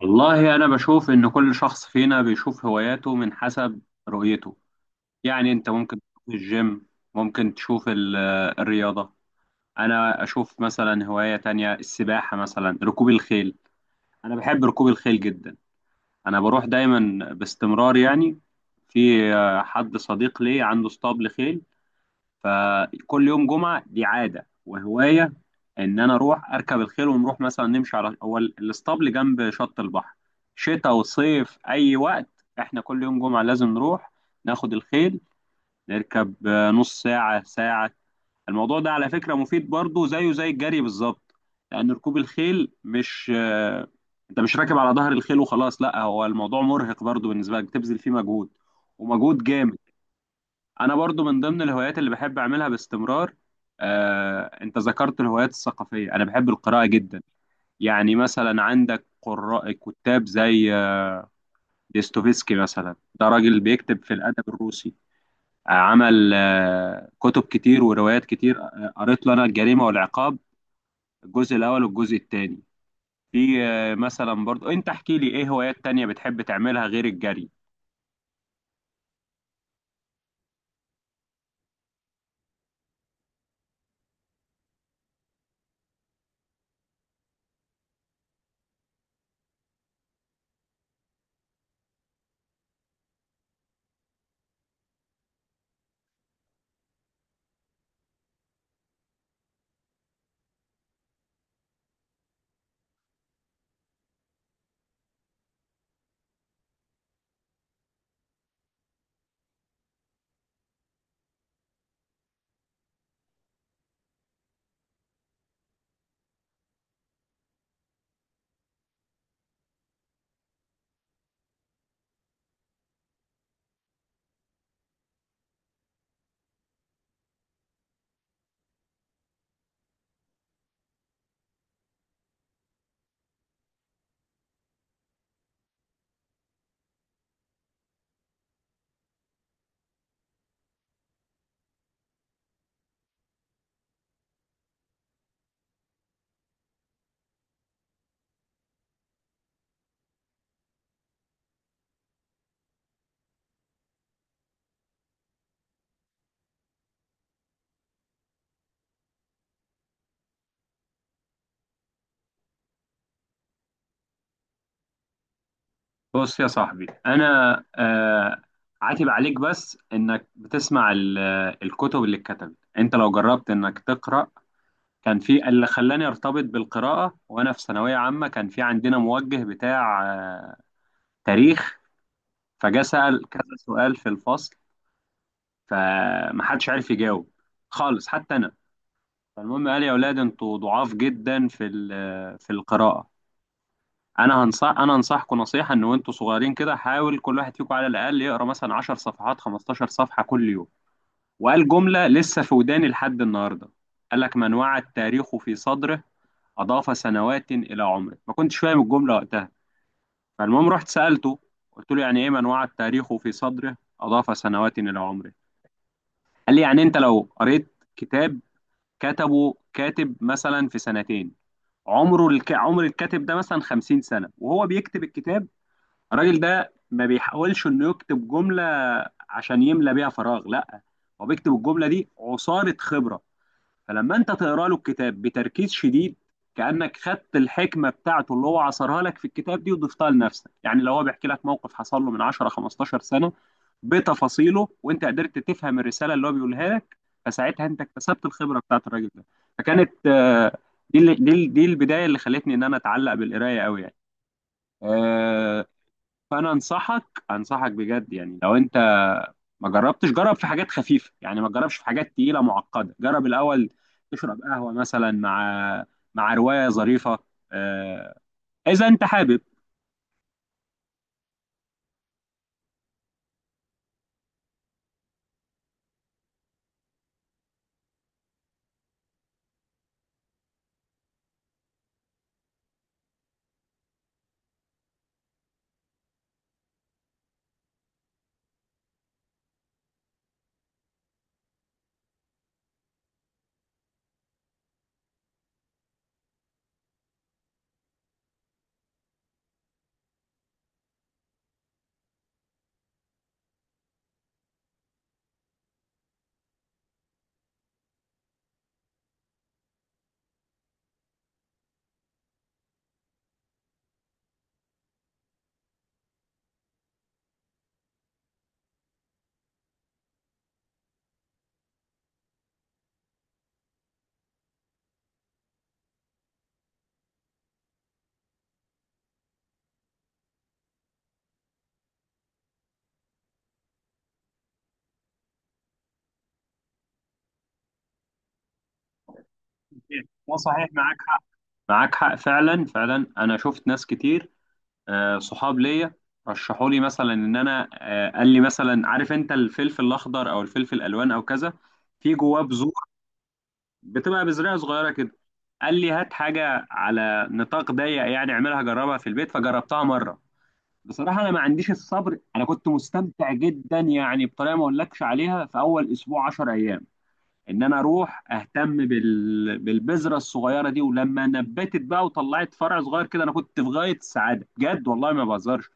والله أنا بشوف إن كل شخص فينا بيشوف هواياته من حسب رؤيته. يعني أنت ممكن تشوف الجيم، ممكن تشوف الرياضة. أنا أشوف مثلا هواية تانية السباحة، مثلا ركوب الخيل. أنا بحب ركوب الخيل جدا، أنا بروح دايما باستمرار، يعني في حد صديق لي عنده اسطبل خيل. فكل يوم جمعة دي عادة وهواية، إن أنا أروح أركب الخيل ونروح مثلا نمشي على الاسطبل جنب شط البحر، شتاء وصيف أي وقت. إحنا كل يوم جمعة لازم نروح ناخد الخيل، نركب نص ساعة، ساعة. الموضوع ده على فكرة مفيد برضه، زيه زي الجري بالظبط. لأن ركوب الخيل مش أنت مش راكب على ظهر الخيل وخلاص، لا، هو الموضوع مرهق برضه بالنسبة لك، بتبذل فيه مجهود، ومجهود جامد. انا برضو من ضمن الهوايات اللي بحب اعملها باستمرار. انت ذكرت الهوايات الثقافيه، انا بحب القراءه جدا. يعني مثلا عندك قراء كتاب زي ديستوفيسكي مثلا، ده راجل بيكتب في الادب الروسي. عمل كتب كتير وروايات كتير. قريت له انا الجريمه والعقاب، الجزء الاول والجزء الثاني. في مثلا برضو انت احكي لي ايه هوايات تانية بتحب تعملها غير الجري؟ بص يا صاحبي، انا آه عاتب عليك، بس انك بتسمع الكتب اللي اتكتبت. انت لو جربت انك تقرا، كان في اللي خلاني ارتبط بالقراءه. وانا في ثانويه عامه كان في عندنا موجه بتاع تاريخ، فجاء سال كذا سؤال في الفصل، فمحدش عارف يجاوب خالص، حتى انا. فالمهم قال: يا اولاد، انتوا ضعاف جدا في القراءه. انا انصحكم نصيحه، ان وانتوا صغيرين كده، حاول كل واحد فيكم على الاقل يقرا مثلا 10 صفحات، 15 صفحه كل يوم. وقال جمله لسه في وداني لحد النهارده، قال لك: من وعى التاريخ في صدره، اضاف سنوات الى عمره. ما كنتش فاهم الجمله وقتها، فالمهم رحت سالته، قلت له: يعني ايه من وعى التاريخ في صدره اضاف سنوات الى عمره؟ قال لي: يعني انت لو قريت كتاب، كتبه كاتب مثلا في سنتين، عمر الكاتب ده مثلا 50 سنه وهو بيكتب الكتاب، الراجل ده ما بيحاولش انه يكتب جمله عشان يملى بيها فراغ، لا، هو بيكتب الجمله دي عصاره خبره. فلما انت تقرا له الكتاب بتركيز شديد، كانك خدت الحكمه بتاعته اللي هو عصرها لك في الكتاب دي وضفتها لنفسك. يعني لو هو بيحكي لك موقف حصل له من 10 15 سنه بتفاصيله، وانت قدرت تفهم الرساله اللي هو بيقولها لك، فساعتها انت اكتسبت الخبره بتاعت الراجل ده. فكانت دي البدايه اللي خلتني ان انا اتعلق بالقرايه قوي، يعني آه، فانا انصحك بجد، يعني لو انت ما جربتش، جرب في حاجات خفيفه، يعني ما تجربش في حاجات تقيله معقده، جرب الاول تشرب قهوه مثلا مع روايه ظريفه، آه، اذا انت حابب. لا، صحيح، معاك حق، معاك حق فعلا فعلا. انا شفت ناس كتير، صحاب ليا رشحوا لي، مثلا ان انا قال لي مثلا: عارف انت الفلفل الاخضر او الفلفل الالوان او كذا، في جواه بذور، بتبقى بزرعه صغيره كده. قال لي: هات حاجه على نطاق ضيق، يعني اعملها جربها في البيت، فجربتها مره. بصراحه انا ما عنديش الصبر. انا كنت مستمتع جدا، يعني بطريقه ما اقولكش عليها، في اول اسبوع، 10 ايام، ان انا اروح اهتم بالبذره الصغيره دي. ولما نبتت بقى وطلعت فرع صغير كده، انا كنت في غايه السعاده بجد، والله ما بهزرش.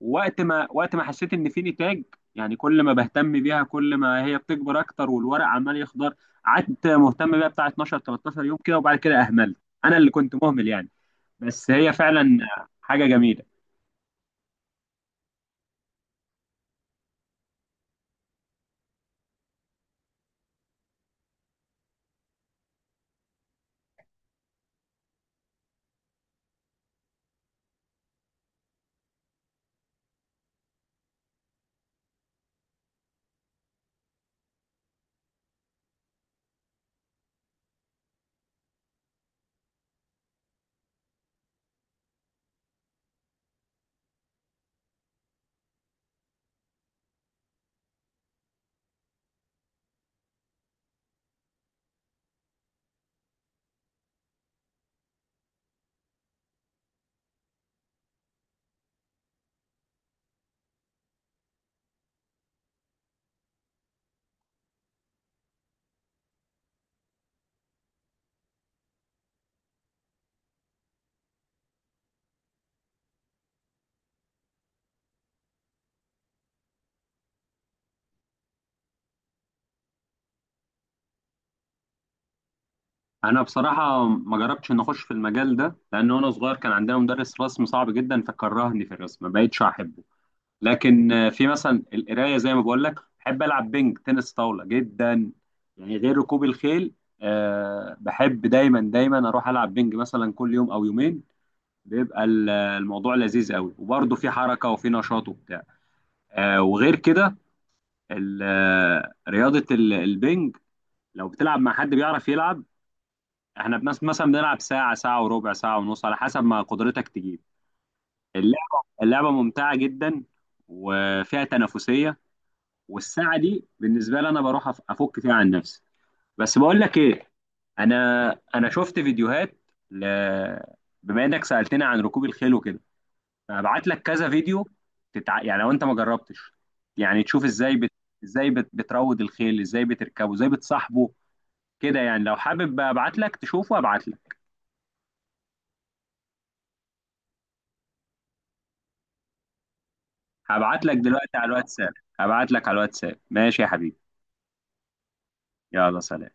وقت ما حسيت ان في نتاج، يعني كل ما بهتم بيها كل ما هي بتكبر اكتر، والورق عمال يخضر، قعدت مهتم بيها بتاع 12 13 يوم كده، وبعد كده اهملت، انا اللي كنت مهمل، يعني. بس هي فعلا حاجه جميله. انا بصراحه ما جربتش ان اخش في المجال ده، لان وانا صغير كان عندنا مدرس رسم صعب جدا فكرهني في الرسم، ما بقتش احبه. لكن في مثلا القرايه زي ما بقول لك، بحب العب بينج تنس طاوله جدا، يعني غير ركوب الخيل. آه، بحب دايما دايما اروح العب بينج مثلا كل يوم او يومين. بيبقى الموضوع لذيذ قوي، وبرضه في حركه وفي نشاط وبتاع. آه، وغير كده رياضه البينج لو بتلعب مع حد بيعرف يلعب، احنا مثلا بنلعب ساعه، ساعه وربع، ساعه ونص، على حسب ما قدرتك تجيب. اللعبه ممتعه جدا وفيها تنافسيه، والساعه دي بالنسبه لي انا بروح افك فيها عن نفسي. بس بقول لك ايه، انا انا شفت فيديوهات، ل... بما انك سالتني عن ركوب الخيل وكده، فابعت لك كذا فيديو. يعني لو انت ما جربتش، يعني تشوف بتروض الخيل، ازاي بتركبه، ازاي بتصاحبه كده. يعني لو حابب بقى ابعت لك تشوفه، ابعت لك. هبعت لك دلوقتي على الواتساب. هبعت لك على الواتساب، ماشي يا حبيبي. يلا، سلام.